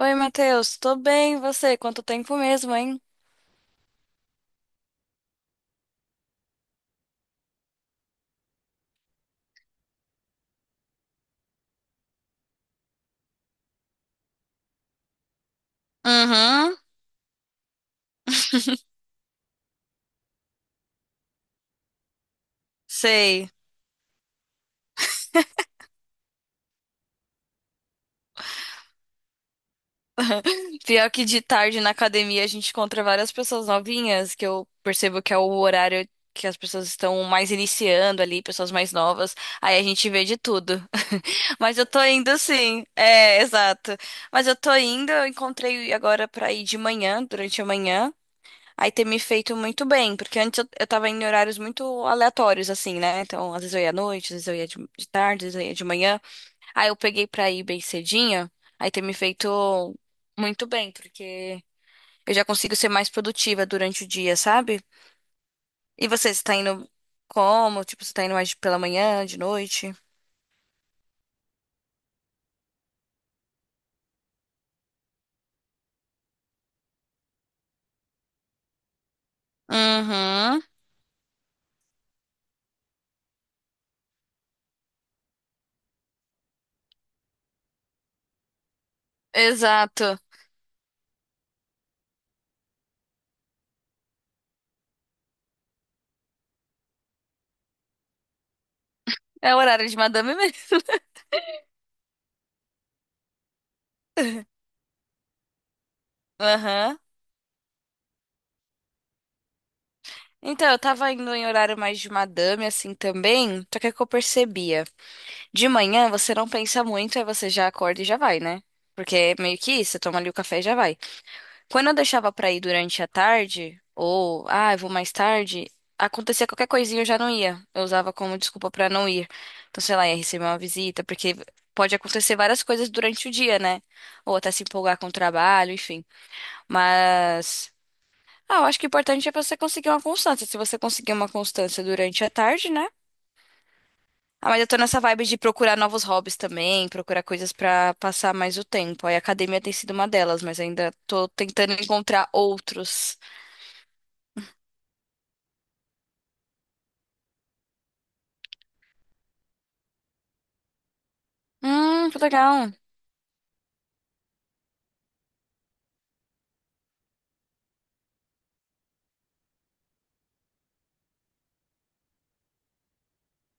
Oi, Matheus, tô bem, e você? Quanto tempo mesmo, hein? Uhum, sei. Pior que de tarde na academia a gente encontra várias pessoas novinhas, que eu percebo que é o horário que as pessoas estão mais iniciando ali, pessoas mais novas. Aí a gente vê de tudo. Mas eu tô indo sim. É, exato. Mas eu tô indo, eu encontrei agora pra ir de manhã, durante a manhã. Aí ter me feito muito bem, porque antes eu tava em horários muito aleatórios, assim, né? Então, às vezes eu ia à noite, às vezes eu ia de tarde, às vezes eu ia de manhã. Aí eu peguei pra ir bem cedinha, aí ter me feito muito bem, porque eu já consigo ser mais produtiva durante o dia, sabe? E você tá indo como? Tipo, você tá indo mais pela manhã, de noite? Uhum, exato. É o horário de madame mesmo. Aham. Então, eu tava indo em horário mais de madame, assim, também, só que é o que eu percebia? De manhã você não pensa muito, aí você já acorda e já vai, né? Porque é meio que isso, você toma ali o café e já vai. Quando eu deixava pra ir durante a tarde, ou, ah, eu vou mais tarde, acontecia qualquer coisinha eu já não ia. Eu usava como desculpa pra não ir. Então, sei lá, ia receber uma visita, porque pode acontecer várias coisas durante o dia, né? Ou até se empolgar com o trabalho, enfim. Mas, ah, eu acho que o importante é você conseguir uma constância. Se você conseguir uma constância durante a tarde, né? Ah, mas eu tô nessa vibe de procurar novos hobbies também, procurar coisas pra passar mais o tempo. Aí a academia tem sido uma delas, mas ainda tô tentando encontrar outros. Que legal.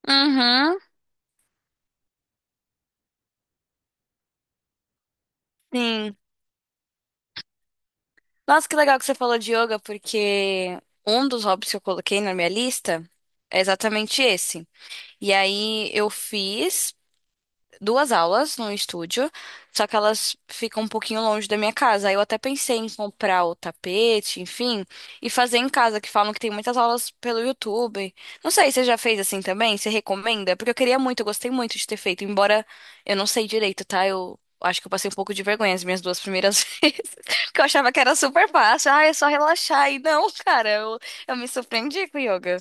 Uhum, sim. Nossa, que legal que você falou de yoga, porque um dos hobbies que eu coloquei na minha lista é exatamente esse. E aí eu fiz duas aulas no estúdio, só que elas ficam um pouquinho longe da minha casa. Aí eu até pensei em comprar o tapete, enfim, e fazer em casa, que falam que tem muitas aulas pelo YouTube. Não sei, você já fez assim também? Você recomenda? Porque eu queria muito, eu gostei muito de ter feito, embora eu não sei direito, tá? Eu acho que eu passei um pouco de vergonha as minhas duas primeiras vezes, porque eu achava que era super fácil. Ah, é só relaxar. E não, cara, eu me surpreendi com o yoga.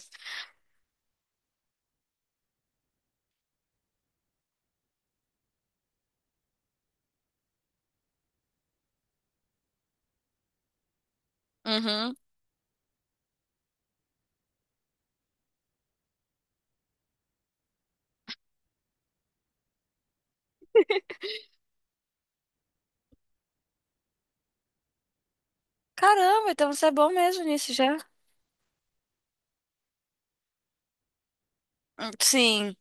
Uhum. Caramba, então você é bom mesmo nisso já. Sim.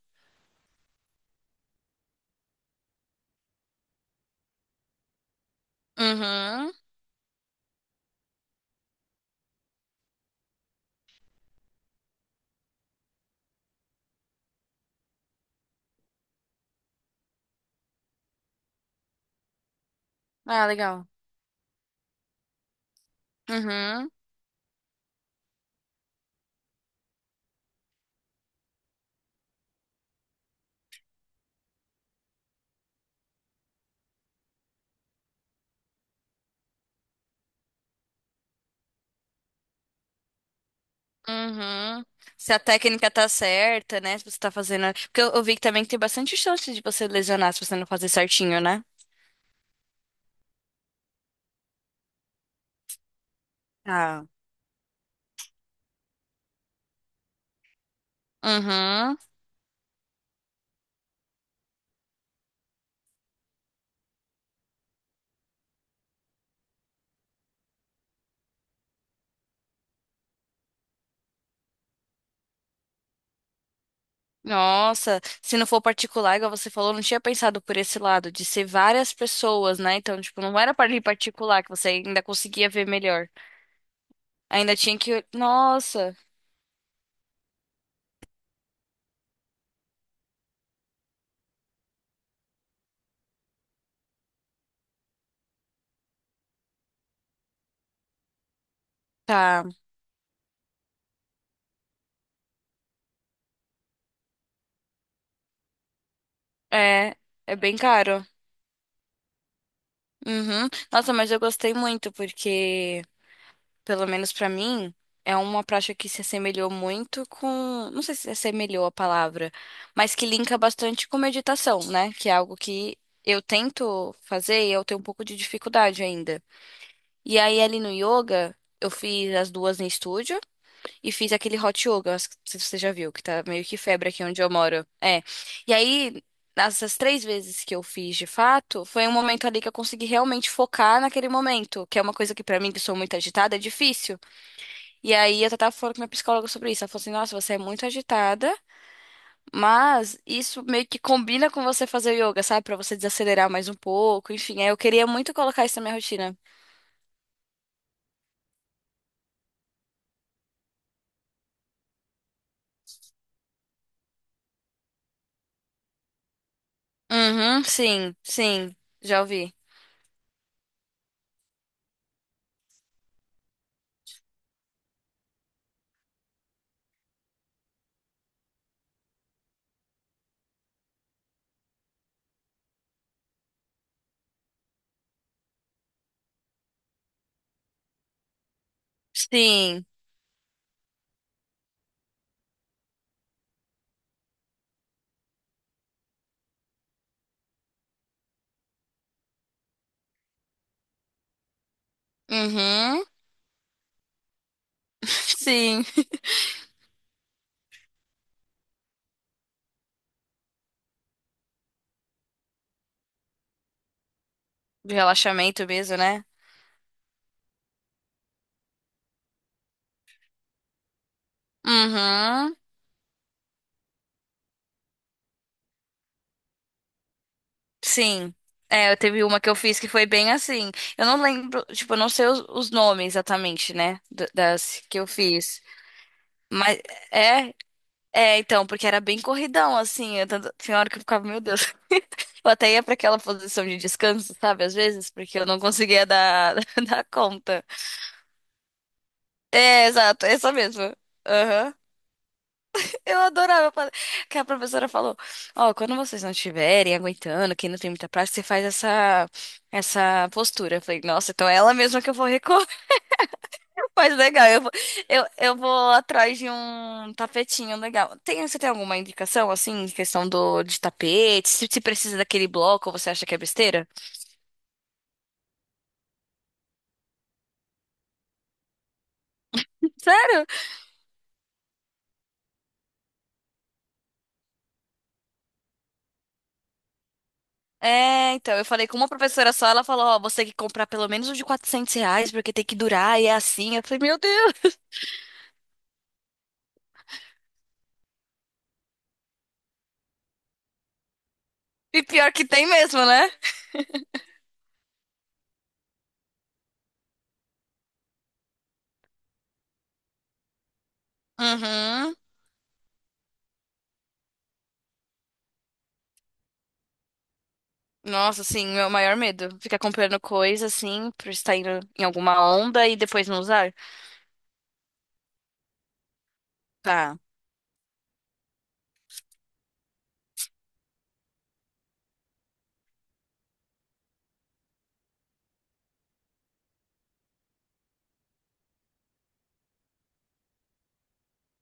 Uhum. Ah, legal. Uhum, uhum. Se a técnica tá certa, né? Se você tá fazendo. Porque eu vi que também tem bastante chance de você lesionar se você não fazer certinho, né? Ah, uhum. Nossa, se não for particular, igual você falou, eu não tinha pensado por esse lado, de ser várias pessoas, né? Então, tipo, não era para ir particular que você ainda conseguia ver melhor. Ainda tinha que. Nossa, tá. É, é bem caro. Uhum. Nossa, mas eu gostei muito, porque, pelo menos pra mim, é uma prática que se assemelhou muito com, não sei se assemelhou a palavra, mas que linka bastante com meditação, né? Que é algo que eu tento fazer e eu tenho um pouco de dificuldade ainda. E aí ali no yoga, eu fiz as duas em estúdio e fiz aquele hot yoga, acho que- não sei se você já viu, que tá meio que febre aqui onde eu moro. É. E aí essas três vezes que eu fiz de fato, foi um momento ali que eu consegui realmente focar naquele momento, que é uma coisa que pra mim, que sou muito agitada, é difícil. E aí eu tava falando com minha psicóloga sobre isso. Ela falou assim, nossa, você é muito agitada, mas isso meio que combina com você fazer yoga, sabe? Pra você desacelerar mais um pouco, enfim. Aí eu queria muito colocar isso na minha rotina. Uhum, sim, sim. Já ouvi. Sim. Uhum. Sim. De relaxamento mesmo, né? Uhum. Sim. É, eu teve uma que eu fiz que foi bem assim. Eu não lembro, tipo, eu não sei os nomes exatamente, né? Das que eu fiz. Mas é, é, então, porque era bem corridão, assim. Tinha hora que eu ficava, meu Deus. Eu até ia pra aquela posição de descanso, sabe, às vezes, porque eu não conseguia dar conta. É, exato, essa mesmo. Aham. Eu adorava fa- que a professora falou: Ó, quando vocês não estiverem aguentando, quem não tem muita prática, você faz essa postura. Eu falei: Nossa, então é ela mesma que eu vou. Mas legal, eu vou, eu vou atrás de um tapetinho legal. Tem, você tem alguma indicação, assim, em questão do, de tapete? Se precisa daquele bloco, ou você acha que é besteira? Sério? É, então, eu falei com uma professora só, ela falou, ó, você tem que comprar pelo menos um de 400 reais, porque tem que durar, e é assim. Eu falei, meu Deus! E pior que tem mesmo, né? Uhum. Nossa, assim, meu maior medo. Ficar comprando coisa, assim, por estar indo em alguma onda e depois não usar. Tá.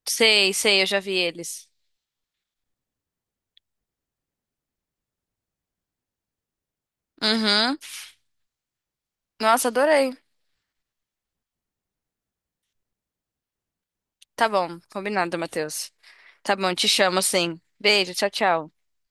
Sei, sei, eu já vi eles. Uhum. Nossa, adorei. Tá bom, combinado, Matheus. Tá bom, te chamo sim. Beijo, tchau, tchau.